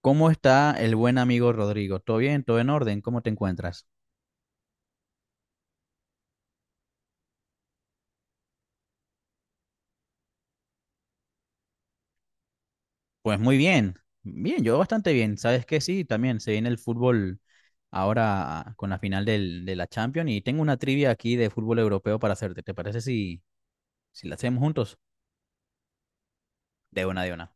¿Cómo está el buen amigo Rodrigo? ¿Todo bien? ¿Todo en orden? ¿Cómo te encuentras? Pues muy bien, bien, yo bastante bien. ¿Sabes qué? Sí, también se viene el fútbol ahora con la final de la Champions y tengo una trivia aquí de fútbol europeo para hacerte. ¿Te parece si la hacemos juntos? De una.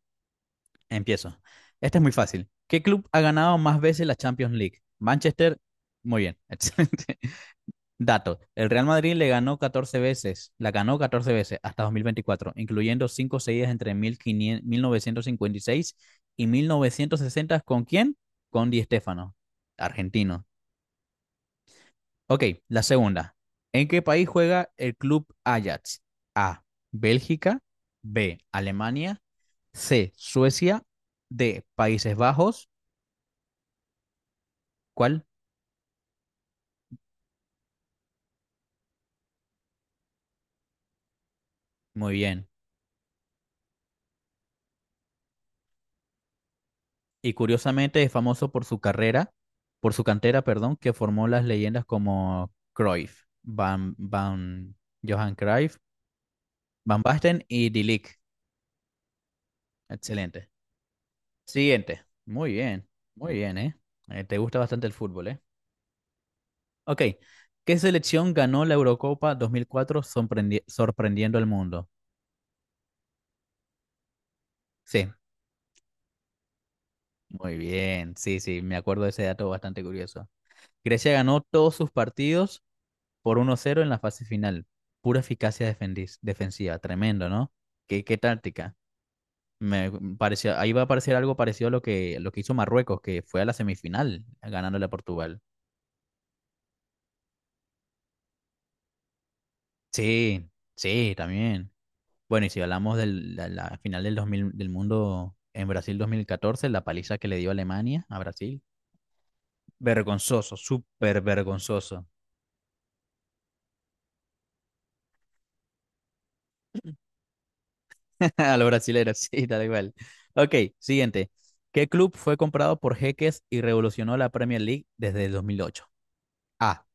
Empiezo. Esta es muy fácil. ¿Qué club ha ganado más veces la Champions League? Manchester. Muy bien, excelente. Dato, el Real Madrid le ganó 14 veces, la ganó 14 veces hasta 2024, incluyendo cinco seguidas entre 1500 1956 y 1960. ¿Con quién? Con Di Stéfano, argentino. Ok, la segunda. ¿En qué país juega el club Ajax? A. Bélgica. B. Alemania. C. Suecia. D. Países Bajos. ¿Cuál? Muy bien. Y curiosamente es famoso por su carrera, por su cantera, perdón, que formó las leyendas como Cruyff, Johan Cruyff, Van Basten y De Ligt. Excelente. Siguiente. Muy bien, ¿eh? Te gusta bastante el fútbol, ¿eh? Ok. ¿Qué selección ganó la Eurocopa 2004 sorprendiendo al mundo? Sí, muy bien. Sí, sí, me acuerdo de ese dato bastante curioso. Grecia ganó todos sus partidos por 1-0 en la fase final. Pura eficacia defensiva, tremendo, ¿no? ¿Qué táctica? Me pareció, ahí va a parecer algo parecido a lo que hizo Marruecos, que fue a la semifinal ganándole a Portugal. Sí, sí, también. Bueno, y si hablamos de la final del 2000 del mundo en Brasil 2014 la paliza que le dio Alemania a Brasil, vergonzoso, súper vergonzoso. A los brasileros, sí, tal cual. Ok, siguiente. ¿Qué club fue comprado por Jeques y revolucionó la Premier League desde el 2008? Ah.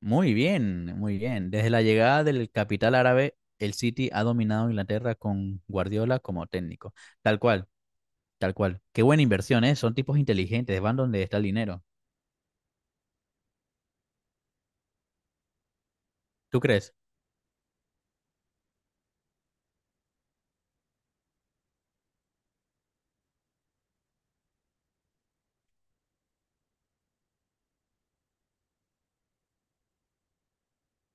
Muy bien, muy bien. Desde la llegada del capital árabe, el City ha dominado Inglaterra con Guardiola como técnico. Tal cual, tal cual. Qué buena inversión, ¿eh? Son tipos inteligentes, van donde está el dinero. ¿Tú crees?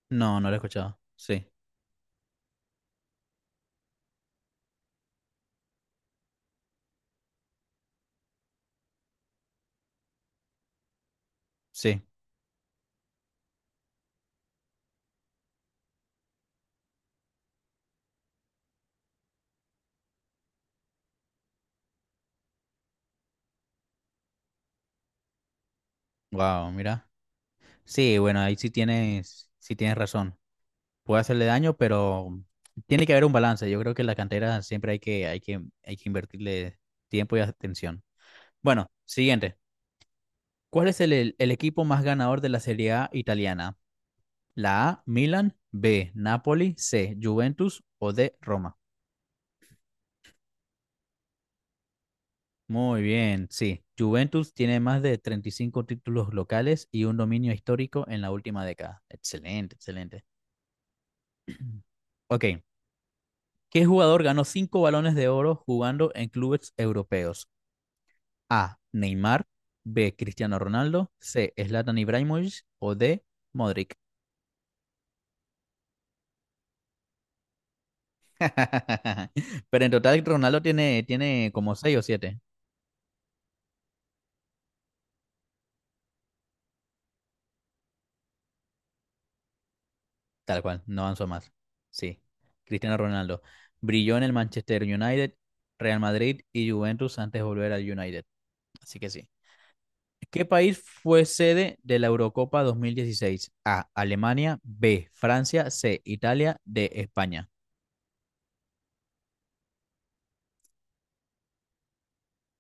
No, no lo he escuchado. Sí, sí. Wow, mira. Sí, bueno, ahí sí tienes razón. Puede hacerle daño, pero tiene que haber un balance. Yo creo que en la cantera siempre hay que invertirle tiempo y atención. Bueno, siguiente. ¿Cuál es el equipo más ganador de la Serie A italiana? La A, Milan, B, Napoli, C, Juventus o D, Roma. Muy bien, sí. Juventus tiene más de 35 títulos locales y un dominio histórico en la última década. Excelente, excelente. Ok. ¿Qué jugador ganó 5 balones de oro jugando en clubes europeos? A. Neymar. B. Cristiano Ronaldo. C. Zlatan Ibrahimovic. O D. Modric. Pero en total, Ronaldo tiene como seis o siete. Tal cual, no avanzó más. Sí, Cristiano Ronaldo. Brilló en el Manchester United, Real Madrid y Juventus antes de volver al United. Así que sí. ¿Qué país fue sede de la Eurocopa 2016? A. Alemania. B. Francia. C. Italia. D. España.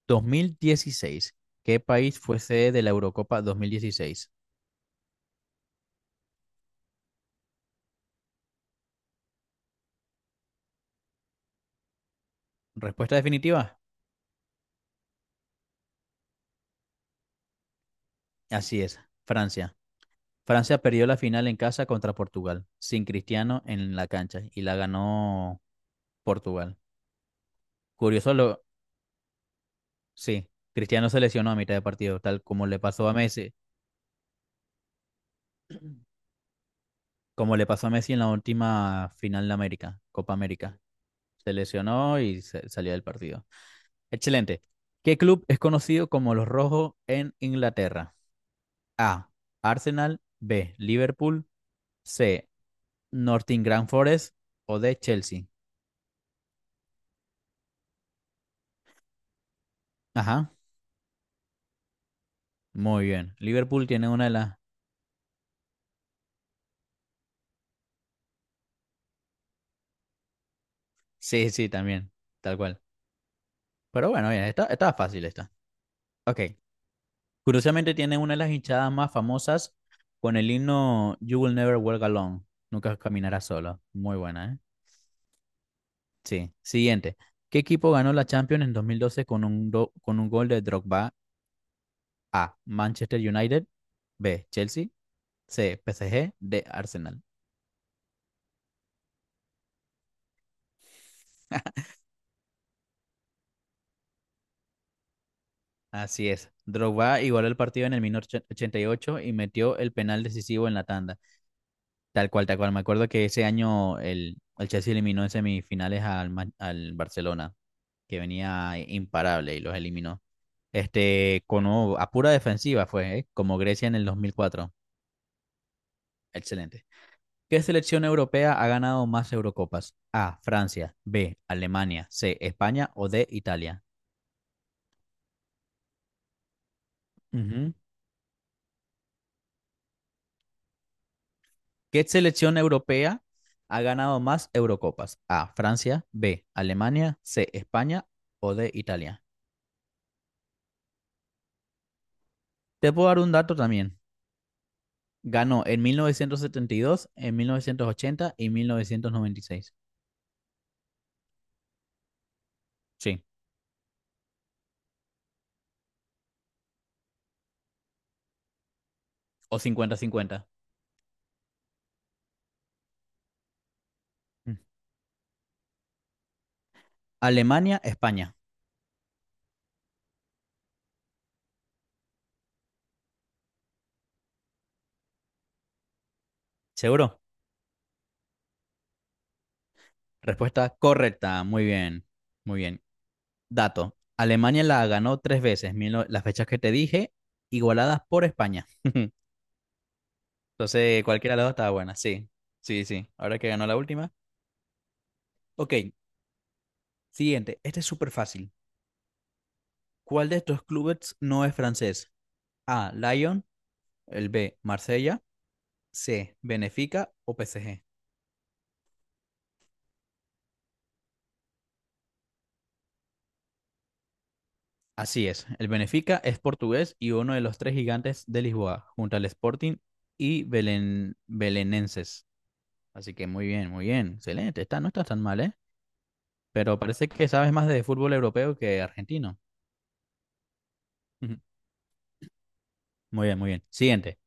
2016. ¿Qué país fue sede de la Eurocopa 2016? Respuesta definitiva. Así es, Francia. Francia perdió la final en casa contra Portugal, sin Cristiano en la cancha, y la ganó Portugal. Curioso lo… Sí, Cristiano se lesionó a mitad de partido, tal como le pasó a Messi, como le pasó a Messi en la última final de América, Copa América. Se lesionó y salió del partido. Excelente. ¿Qué club es conocido como los Rojos en Inglaterra? A. Arsenal. B. Liverpool. C. Nottingham Forest. O D. Chelsea. Ajá. Muy bien. Liverpool tiene una de las. Sí, sí, también. Tal cual. Pero bueno, bien, está fácil esta. Ok. Curiosamente tiene una de las hinchadas más famosas con el himno You Will Never Walk Alone. Nunca caminarás solo. Muy buena, ¿eh? Sí. Siguiente. ¿Qué equipo ganó la Champions en 2012 con con un gol de Drogba? A. Manchester United. B. Chelsea. C. PSG. D. Arsenal. Así es. Drogba igualó el partido en el 88 y metió el penal decisivo en la tanda. Tal cual, tal cual. Me acuerdo que ese año el Chelsea eliminó en semifinales al Barcelona, que venía imparable y los eliminó. Este, a pura defensiva fue, ¿eh? Como Grecia en el 2004. Excelente. ¿Qué selección europea ha ganado más Eurocopas? A, Francia, B, Alemania, C, España o D, Italia. ¿Qué selección europea ha ganado más Eurocopas? A, Francia, B, Alemania, C, España o D, Italia. Te puedo dar un dato también. Ganó en 1972, en 1980 y 1996. Sí, o cincuenta-cincuenta. Mm. Alemania, España. ¿Seguro? Respuesta correcta. Muy bien, muy bien. Dato. Alemania la ganó 3 veces, mil no- las fechas que te dije, igualadas por España. Entonces, cualquiera de las dos estaba buena. Sí, sí, sí. Ahora que ganó la última. Ok, siguiente. Este es súper fácil. ¿Cuál de estos clubes no es francés? A. Lyon. El B. Marsella. C. Benfica o PSG. Así es. El Benfica es portugués y uno de los tres gigantes de Lisboa, junto al Sporting y Belenenses. Así que muy bien, muy bien. Excelente. Está, no está tan mal, ¿eh? Pero parece que sabes más de fútbol europeo que argentino. Muy bien, muy bien. Siguiente.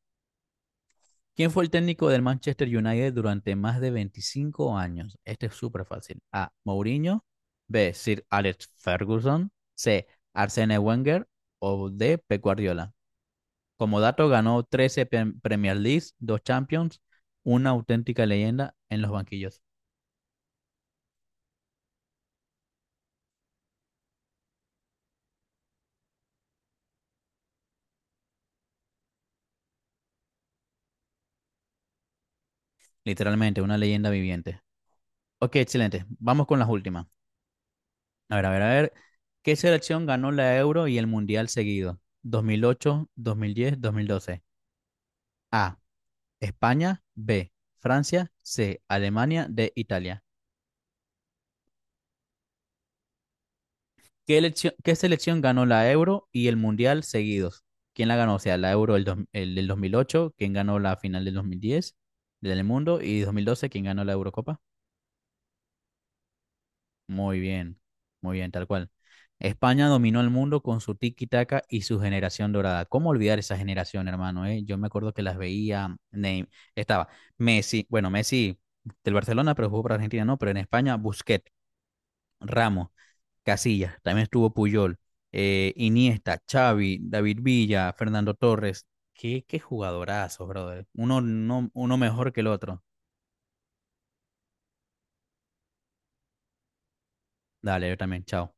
¿Quién fue el técnico del Manchester United durante más de 25 años? Este es súper fácil. A. Mourinho. B. Sir Alex Ferguson. C. Arsene Wenger. O D. Pep Guardiola. Como dato, ganó 13 Premier Leagues, 2 Champions, una auténtica leyenda en los banquillos. Literalmente, una leyenda viviente. Ok, excelente. Vamos con las últimas. A ver, a ver, a ver. ¿Qué selección ganó la Euro y el Mundial seguido? 2008, 2010, 2012. A. España, B. Francia, C. Alemania, D. Italia. ¿Qué selección ganó la Euro y el Mundial seguidos? ¿Quién la ganó? O sea, la Euro el del 2008, ¿quién ganó la final del 2010 del mundo? Y 2012, ¿quién ganó la Eurocopa? Muy bien, muy bien, tal cual. España dominó el mundo con su tiki-taka y su generación dorada. ¿Cómo olvidar esa generación, hermano? ¿Eh? Yo me acuerdo que las veía. Estaba Messi, bueno, Messi del Barcelona, pero jugó para Argentina, no, pero en España, Busquets, Ramos. Casillas, también estuvo Puyol, Iniesta, Xavi, David Villa, Fernando Torres. Qué jugadorazos, brother. Uno, no, Uno mejor que el otro. Dale, yo también, chao.